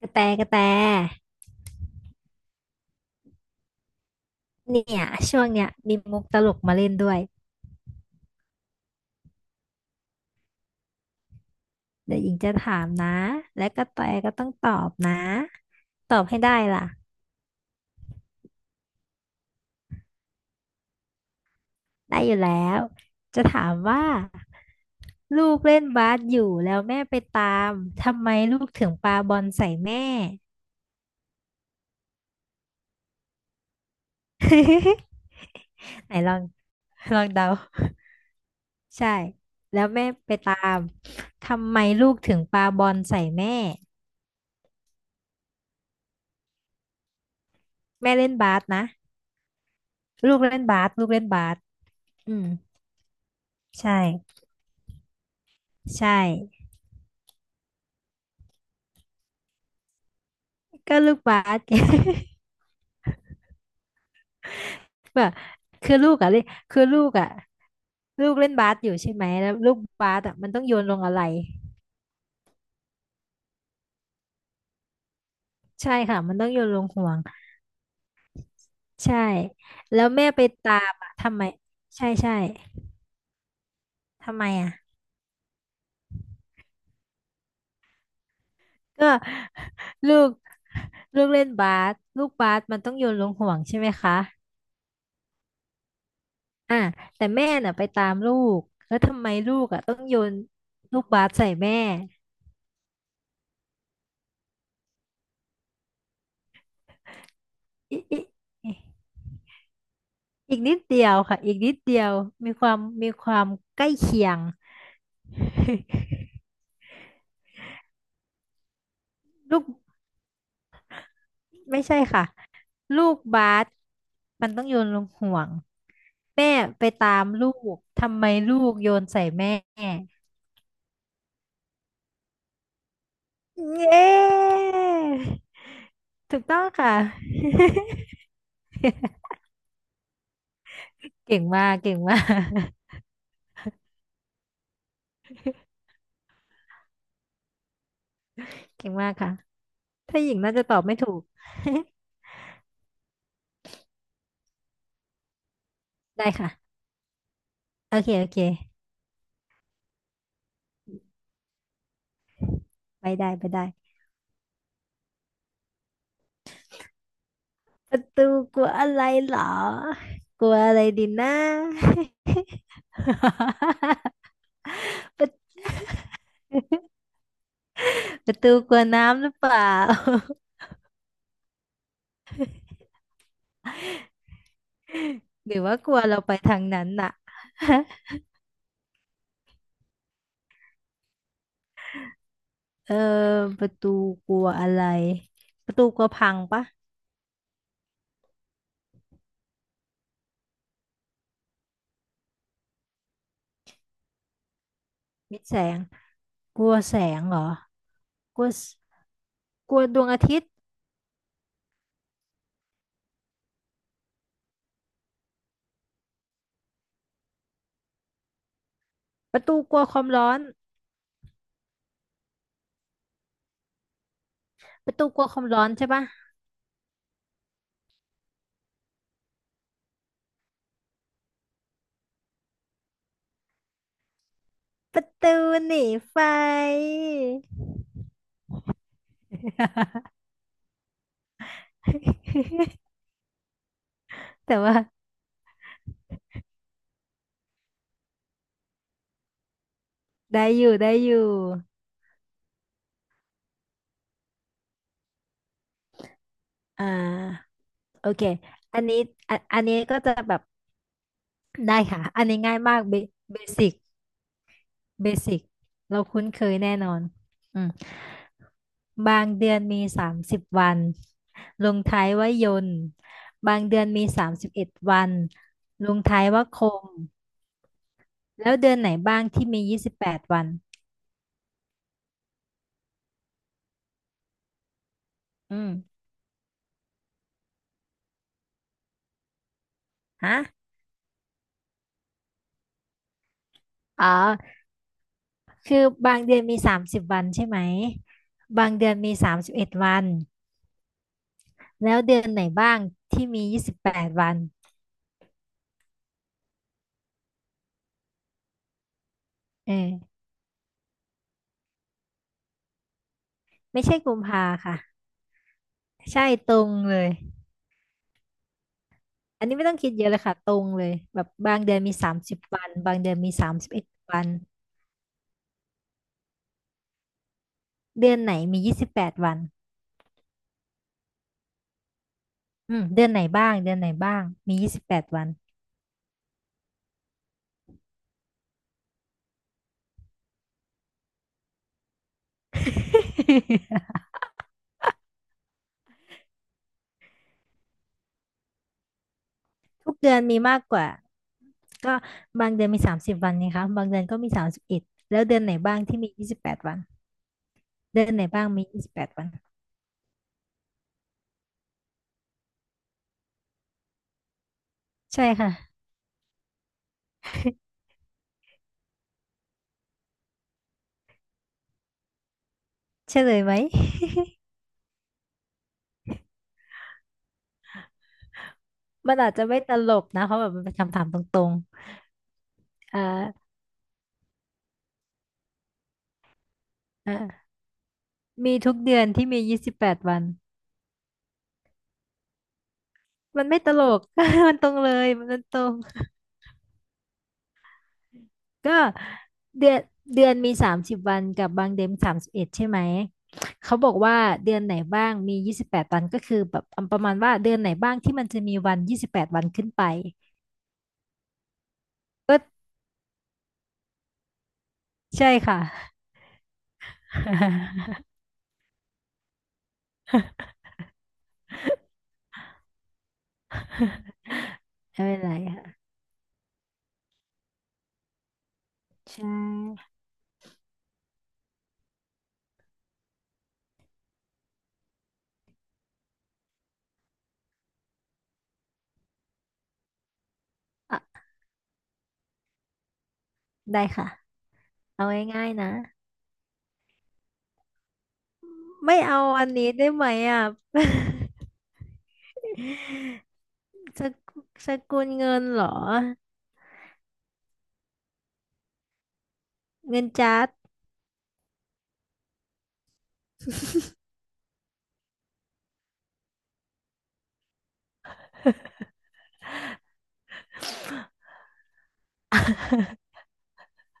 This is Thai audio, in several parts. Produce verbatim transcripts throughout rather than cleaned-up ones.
กระแตกระแตเนี่ยช่วงเนี้ยมีมุกตลกมาเล่นด้วยเดี๋ยวหญิงจะถามนะและกระแตก็ต้องตอบนะตอบให้ได้ล่ะได้อยู่แล้วจะถามว่าลูกเล่นบาสอยู่แล้วแม่ไปตามทำไมลูกถึงปาบอลใส่แม่ ไหนลองลองเดาใช่แล้วแม่ไปตามทำไมลูกถึงปาบอลใส่แม่แม่เล่นบาสนะลูกเล่นบาสลูกเล่นบาสอืมใช่ ใช่ก็ลูกบาส แบบคือลูกอ่ะเล่นคือลูกอะลูกเล่นบาสอยู่ใช่ไหมแล้วลูกบาสอะมันต้องโยนลงอะไรใช่ค่ะมันต้องโยนลงห่วงใช่แล้วแม่ไปตามอะทำไมใช่ใช่ทำไมอ่ะก็ ลูกลูกเล่นบาสลูกบาสมันต้องโยนลงห่วงใช่ไหมคะอ่ะแต่แม่น่ะไปตามลูกแล้วทำไมลูกอ่ะต้องโยนลูกบาสใส่แม่อิอิ อีกนิดเดียวค่ะอีกนิดเดียวมีความมีความใกล้เคียง ลูกไม่ใช่ค่ะลูกบาสมันต้องโยนลงห่วงแม่ไปตามลูกทำไมลูกโยนใส่แม่เย้ถูกต้องค่ะ เก่งมากเก่งมากเก่งมากค่ะถ้าหญิงน่าจะตอบไม่ถูก ได้ค่ะโอเคโอเคไปได้ไปได้ ประตูกลัวอะไรเหรอกลัวอะไรดีนะ ประตูกลัวน้ำหรือเปล่า หรือว่ากลัวเราไปทางนั้นน่ะ เออประตูกลัวอะไรประตูกลัวพังปะมิดแสงกลัวแสงเหรอกลัวสกลัวดวงอาทิตย์ประตูกลัวความร้อนประตูกลัวความร้อนใช่ปะประตูหนีไฟ แต่ว่าได้อยู่ได้อยู่ อ่าโอเคอันนี้อันอันนี้ก็จะแบบ ได้ค่ะอันนี้ง่ายมากเบเสิกเบสิกเราคุ้นเคยแน่นอนอืมบางเดือนมีสามสิบวันลงท้ายว่ายนต์บางเดือนมีสามสิบเอ็ดวันลงท้ายว่าคมแล้วเดือนไหนบ้างที่มียี่สิบแปดวันอืมฮะอ๋อคือบางเดือนมีสามสิบวันใช่ไหมบางเดือนมีสามสิบเอ็ดวัน แล้วเดือนไหนบ้างที่มียี่สิบแปดวันเออไม่ใช่กุมภาค่ะใช่ตรงเลยอันนี้ไม่ต้องคิดเยอะเลยค่ะตรงเลยแบบบางเดือนมีสามสิบวันบางเดือนมีสามสิบเอ็ดวันเดือนไหนมียี่สิบแปดวันอืมเดือนไหนบ้างเดือนไหนบ้างมียี่สิบแปดวัน ทุกเดือนมีมากกว่าก็บางเดือนมีสามสิบวันนะคะบางเดือนก็มีสามสิบเอ็ดแล้วเดือนไหนบ้างที่มียี่สิบแปดวันเดือนไหนบ้างมียี่สิบแปดวันใช่ค่ะเฉลยไหม มันอาจจะไม่ตลกนะเพราะแบบมันเป็นคำถามตรงๆอ่าอ่ามีทุกเดือนที่มียี่สิบแปดวันมันไม่ตลก มันตรงเลยมันตรงก็เดือนเดือนมีสามสิบวันกับบางเดือนมีสามสิบเอ็ดใช่ไหมเขาบอกว่าเดือนไหนบ้างมียี่สิบแปดวันก็คือแบบประมาณว่าเดือนไหนบ้างที่มันจะมีวันยี่สิบแปดวันขึ้นไปก็ใช่ค่ะ ไม่เป็นไรค่ะใช่อ่ะได้ค่ะเอาง่ายๆนะ ไม่เอาอันนี้ได้ไหมอ่ะ สกุสกุลเงินเหรอเงินจัด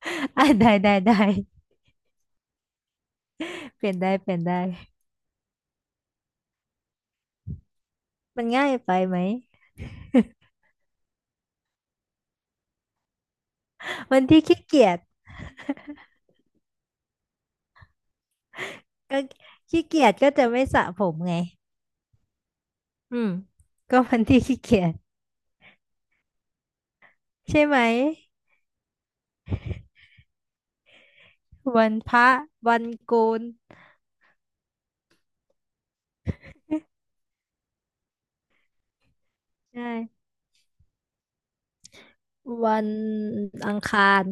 อ่ะได้ได้ได้เปลี่ยนได้เปลี่ยนได้มันง่ายไปไหมวันที่ขี้เกียจก็ขี้เกียจก็จะไม่สระผมไง อืม ก็วันที่ขี้เกียจใช่ไหม วันพระวันโกนใช่ วันอังคาร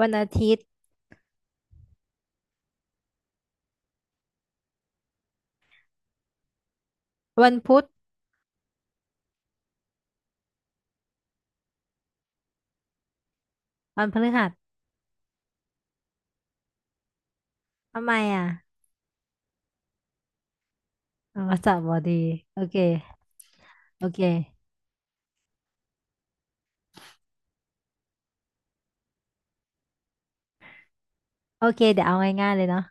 วันอาทิตย์ วันพุธวันพฤหัสทำไมอ่ะ อ่ามัสสบอดีโอเคโอเคโอเคเดี๋ยวเอาง่ายๆเลยเนาะ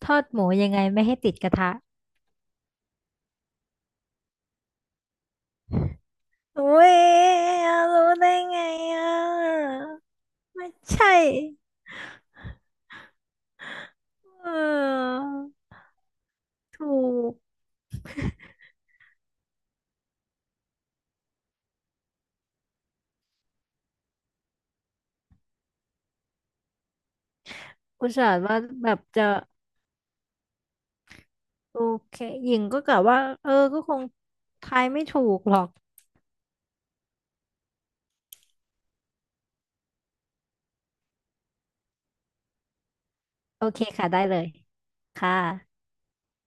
ทอดหมูยังไงไม่ให้ติดกระทะอุ้ยรู้ได้ไงอ่ะไม่ใช่เออถูกอุตส่าห์ว่าแบบจะโอเคหญิงก็กะว่าเออก็คงทายไม่ถูกหรอกโอเคค่ะได้เลยค่ะ